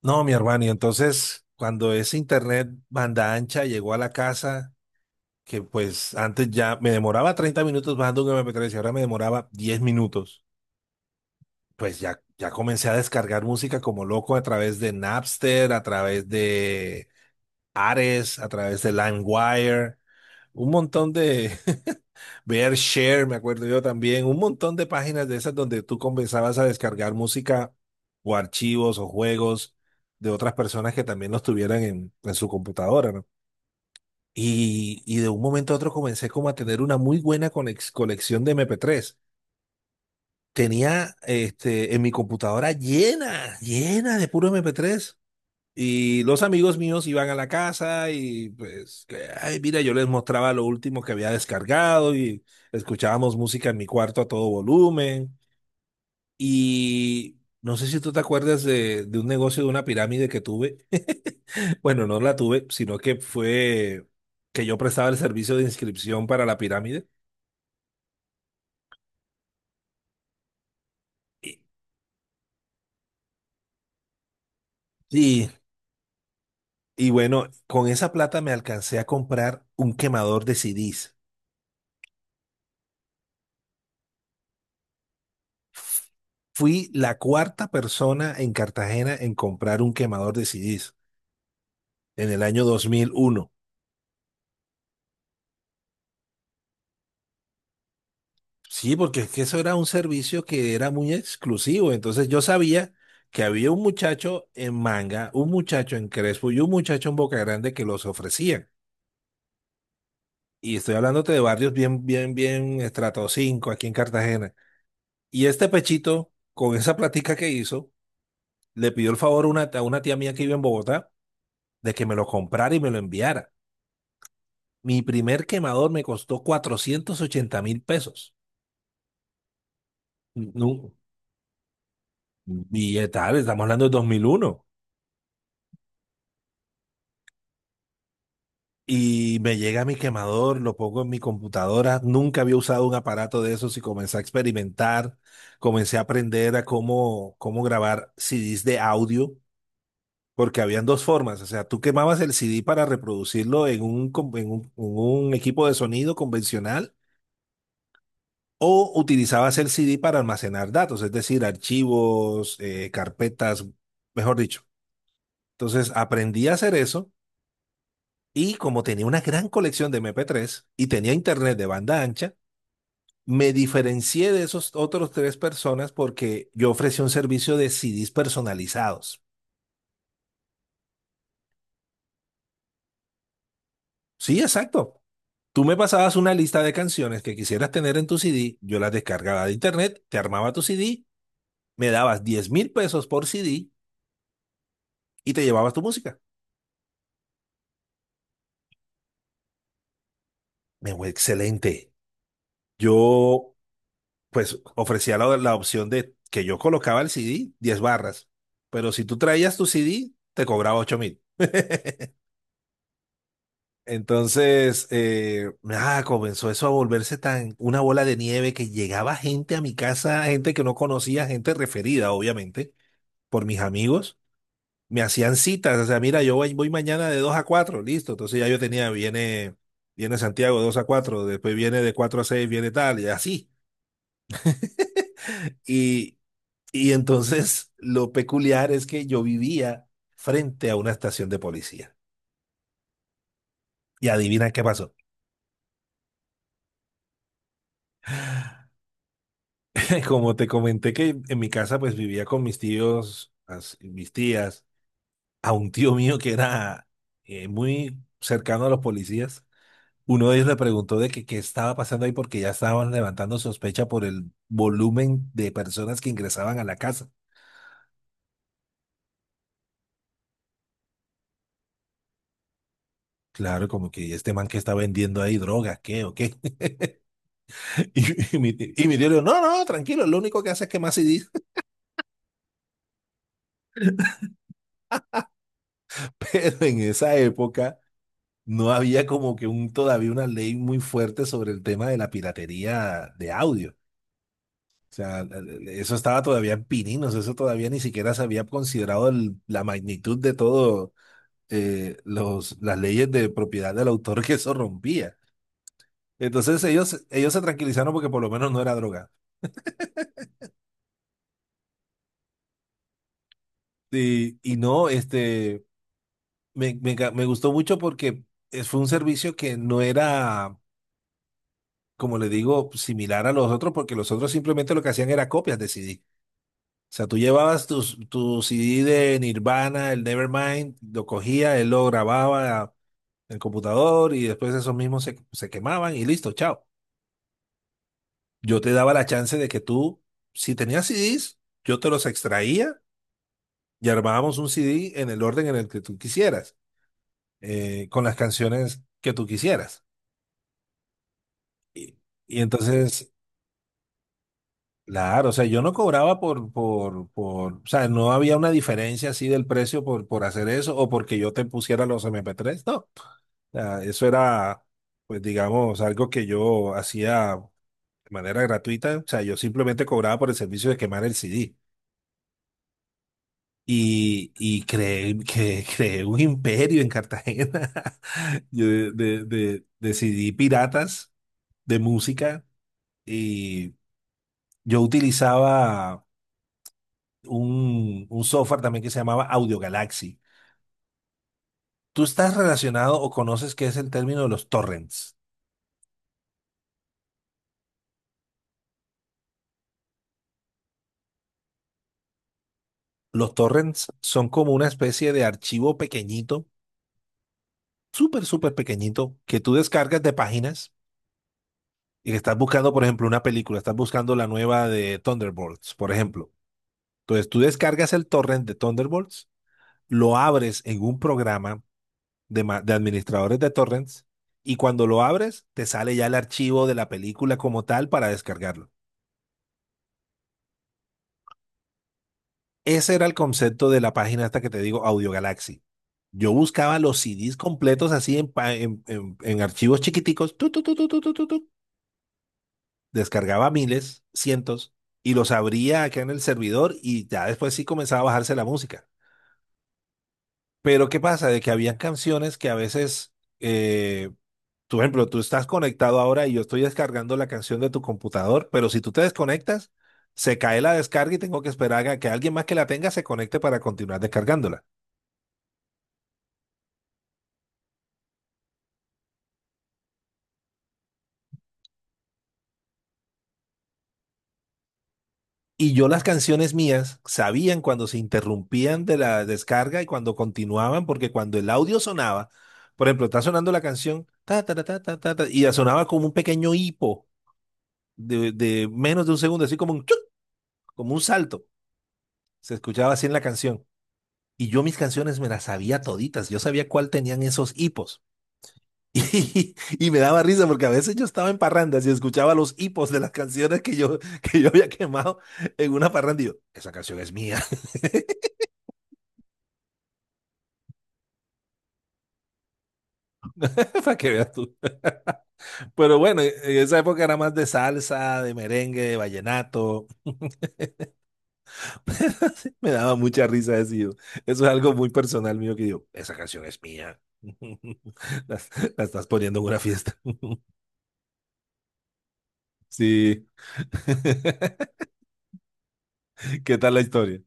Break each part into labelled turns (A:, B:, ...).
A: No, mi hermano, y entonces cuando ese internet banda ancha llegó a la casa, que pues antes ya me demoraba 30 minutos bajando un MP3 y ahora me demoraba 10 minutos, pues ya comencé a descargar música como loco a través de Napster, a través de Ares, a través de LimeWire, un montón de, Share, me acuerdo yo también, un montón de páginas de esas donde tú comenzabas a descargar música o archivos o juegos de otras personas que también los tuvieran en su computadora, ¿no? Y de un momento a otro comencé como a tener una muy buena colección de MP3. Tenía en mi computadora llena, llena de puro MP3. Y los amigos míos iban a la casa y pues, que, ay, mira, yo les mostraba lo último que había descargado y escuchábamos música en mi cuarto a todo volumen. Y no sé si tú te acuerdas de un negocio de una pirámide que tuve. Bueno, no la tuve, sino que fue que yo prestaba el servicio de inscripción para la pirámide. Y, y, y bueno, con esa plata me alcancé a comprar un quemador de CDs. Fui la cuarta persona en Cartagena en comprar un quemador de CDs en el año 2001. Sí, porque es que eso era un servicio que era muy exclusivo. Entonces yo sabía que había un muchacho en Manga, un muchacho en Crespo y un muchacho en Boca Grande que los ofrecían. Y estoy hablándote de barrios bien, bien, bien estrato 5 aquí en Cartagena. Y este pechito, con esa platica que hizo, le pidió el favor a una tía mía que vive en Bogotá de que me lo comprara y me lo enviara. Mi primer quemador me costó 480.000 pesos. Nu- Billetal, estamos hablando de 2001. Y me llega mi quemador, lo pongo en mi computadora. Nunca había usado un aparato de esos y comencé a experimentar. Comencé a aprender a cómo grabar CDs de audio, porque habían dos formas. O sea, tú quemabas el CD para reproducirlo en un, com- en un equipo de sonido convencional. O utilizabas el CD para almacenar datos, es decir, archivos, carpetas, mejor dicho. Entonces aprendí a hacer eso y como tenía una gran colección de MP3 y tenía internet de banda ancha, me diferencié de esos otros tres personas porque yo ofrecía un servicio de CDs personalizados. Sí, exacto. Tú me pasabas una lista de canciones que quisieras tener en tu CD, yo las descargaba de internet, te armaba tu CD, me dabas 10.000 pesos por CD y te llevabas tu música. Me fue excelente. Yo, pues, ofrecía la, la opción de que yo colocaba el CD 10 barras, pero si tú traías tu CD, te cobraba 8.000. Entonces, nada, comenzó eso a volverse tan una bola de nieve que llegaba gente a mi casa, gente que no conocía, gente referida, obviamente, por mis amigos. Me hacían citas, o sea, mira, yo voy, voy mañana de 2 a 4 listo. Entonces ya yo tenía, viene, viene Santiago de 2 a cuatro, después viene de 4 a seis, viene tal, y así. Y, y entonces lo peculiar es que yo vivía frente a una estación de policía. Y adivina qué pasó. Como te comenté que en mi casa pues vivía con mis tíos, mis tías, a un tío mío que era muy cercano a los policías. Uno de ellos le preguntó de que qué estaba pasando ahí porque ya estaban levantando sospecha por el volumen de personas que ingresaban a la casa. Claro, como que este man que está vendiendo ahí droga, ¿qué o qué? Y mi tío le dijo, no, no, tranquilo, lo único que hace es quemar CDs. Pero en esa época no había como que un, todavía una ley muy fuerte sobre el tema de la piratería de audio. O sea, eso estaba todavía en pininos, eso todavía ni siquiera se había considerado la magnitud de todo las leyes de propiedad del autor que eso rompía. Entonces ellos se tranquilizaron porque por lo menos no era droga. Y no, me gustó mucho porque fue un servicio que no era, como le digo, similar a los otros, porque los otros simplemente lo que hacían era copias de CD. O sea, tú llevabas tu CD de Nirvana, el Nevermind, lo cogía, él lo grababa en el computador y después esos mismos se quemaban y listo, chao. Yo te daba la chance de que tú, si tenías CDs, yo te los extraía y armábamos un CD en el orden en el que tú quisieras, con las canciones que tú quisieras. Y, y entonces, claro, o sea, yo no cobraba por, o sea, no había una diferencia así del precio por hacer eso o porque yo te pusiera los M P tres no. O sea, eso era, pues digamos, algo que yo hacía de manera gratuita, o sea, yo simplemente cobraba por el servicio de quemar el C D. Y, y creé un imperio en Cartagena, yo de C D piratas de música y yo utilizaba un software también que se llamaba Audio Galaxy. ¿Tú estás relacionado o conoces qué es el término de los torrents? Los torrents son como una especie de archivo pequeñito, súper, súper pequeñito, que tú descargas de páginas y que estás buscando, por ejemplo, una película, estás buscando la nueva de Thunderbolts, por ejemplo. Entonces tú descargas el torrent de Thunderbolts, lo abres en un programa de administradores de torrents y cuando lo abres te sale ya el archivo de la película como tal para descargarlo. Ese era el concepto de la página esta que te digo, Audio Galaxy. Yo buscaba los CDs completos así en, pa- en archivos chiquiticos, tu, tu, tu, tu, tu, tu, tu, tu. Descargaba miles, cientos, y los abría acá en el servidor y ya después sí comenzaba a bajarse la música. Pero ¿qué pasa? De que habían canciones que a veces, tú, por ejemplo, tú estás conectado ahora y yo estoy descargando la canción de tu computador, pero si tú te desconectas, se cae la descarga y tengo que esperar a que alguien más que la tenga se conecte para continuar descargándola. Y yo las canciones mías sabían cuando se interrumpían de la descarga y cuando continuaban, porque cuando el audio sonaba, por ejemplo, está sonando la canción, ta, ta, ta, ta, ta, ta, ta, y ya sonaba como un pequeño hipo de menos de un segundo, así como un chuc, como un salto. Se escuchaba así en la canción. Y yo mis canciones me las sabía toditas, yo sabía cuál tenían esos hipos. Y, y me daba risa porque a veces yo estaba en parrandas y escuchaba los hipos de las canciones que yo había quemado en una parranda y yo, esa canción es mía, para que veas tú. Pero bueno, e, en esa época era más de salsa, de merengue, de vallenato. Me daba mucha risa decir. Eso es algo muy personal mío que digo, esa canción es mía. La, la estás poniendo en una fiesta. Sí. ¿Qué tal la historia?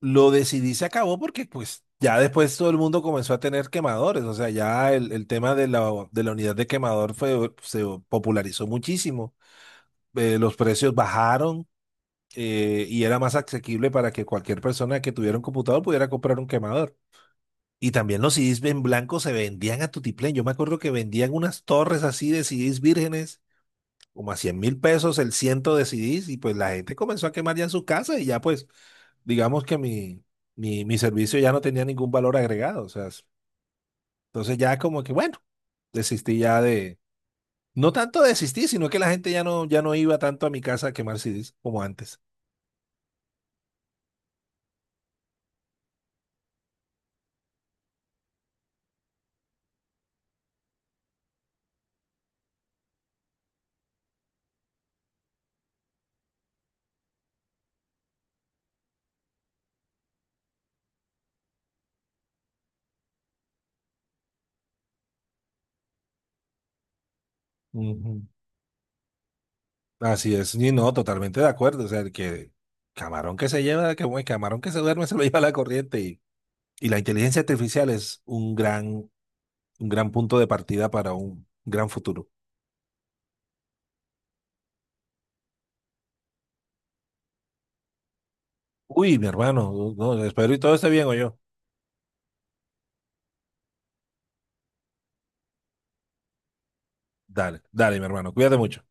A: Lo decidí, se acabó porque pues ya después todo el mundo comenzó a tener quemadores. O sea, ya el tema de la, unidad de quemador fue, se popularizó muchísimo. Los precios bajaron, y era más asequible para que cualquier persona que tuviera un computador pudiera comprar un quemador. Y también los CDs en blanco se vendían a tutiplén. Yo me acuerdo que vendían unas torres así de CDs vírgenes, como a 100.000 pesos el ciento de CDs, y pues la gente comenzó a quemar ya en su casa y ya pues digamos que mi servicio ya no tenía ningún valor agregado. O sea, entonces ya como que bueno, desistí ya de... No tanto desistí, sino que la gente ya no, iba tanto a mi casa a quemar CDs como antes. Ujú. Así es, y no, totalmente de acuerdo. O sea, el que camarón que se lleva, que el camarón que se duerme se lo lleva la corriente. Y la inteligencia artificial es un gran punto de partida para un gran futuro. Uy, mi hermano, no, espero y todo esté bien, o yo. Dale, dale, mi hermano, cuídate mucho.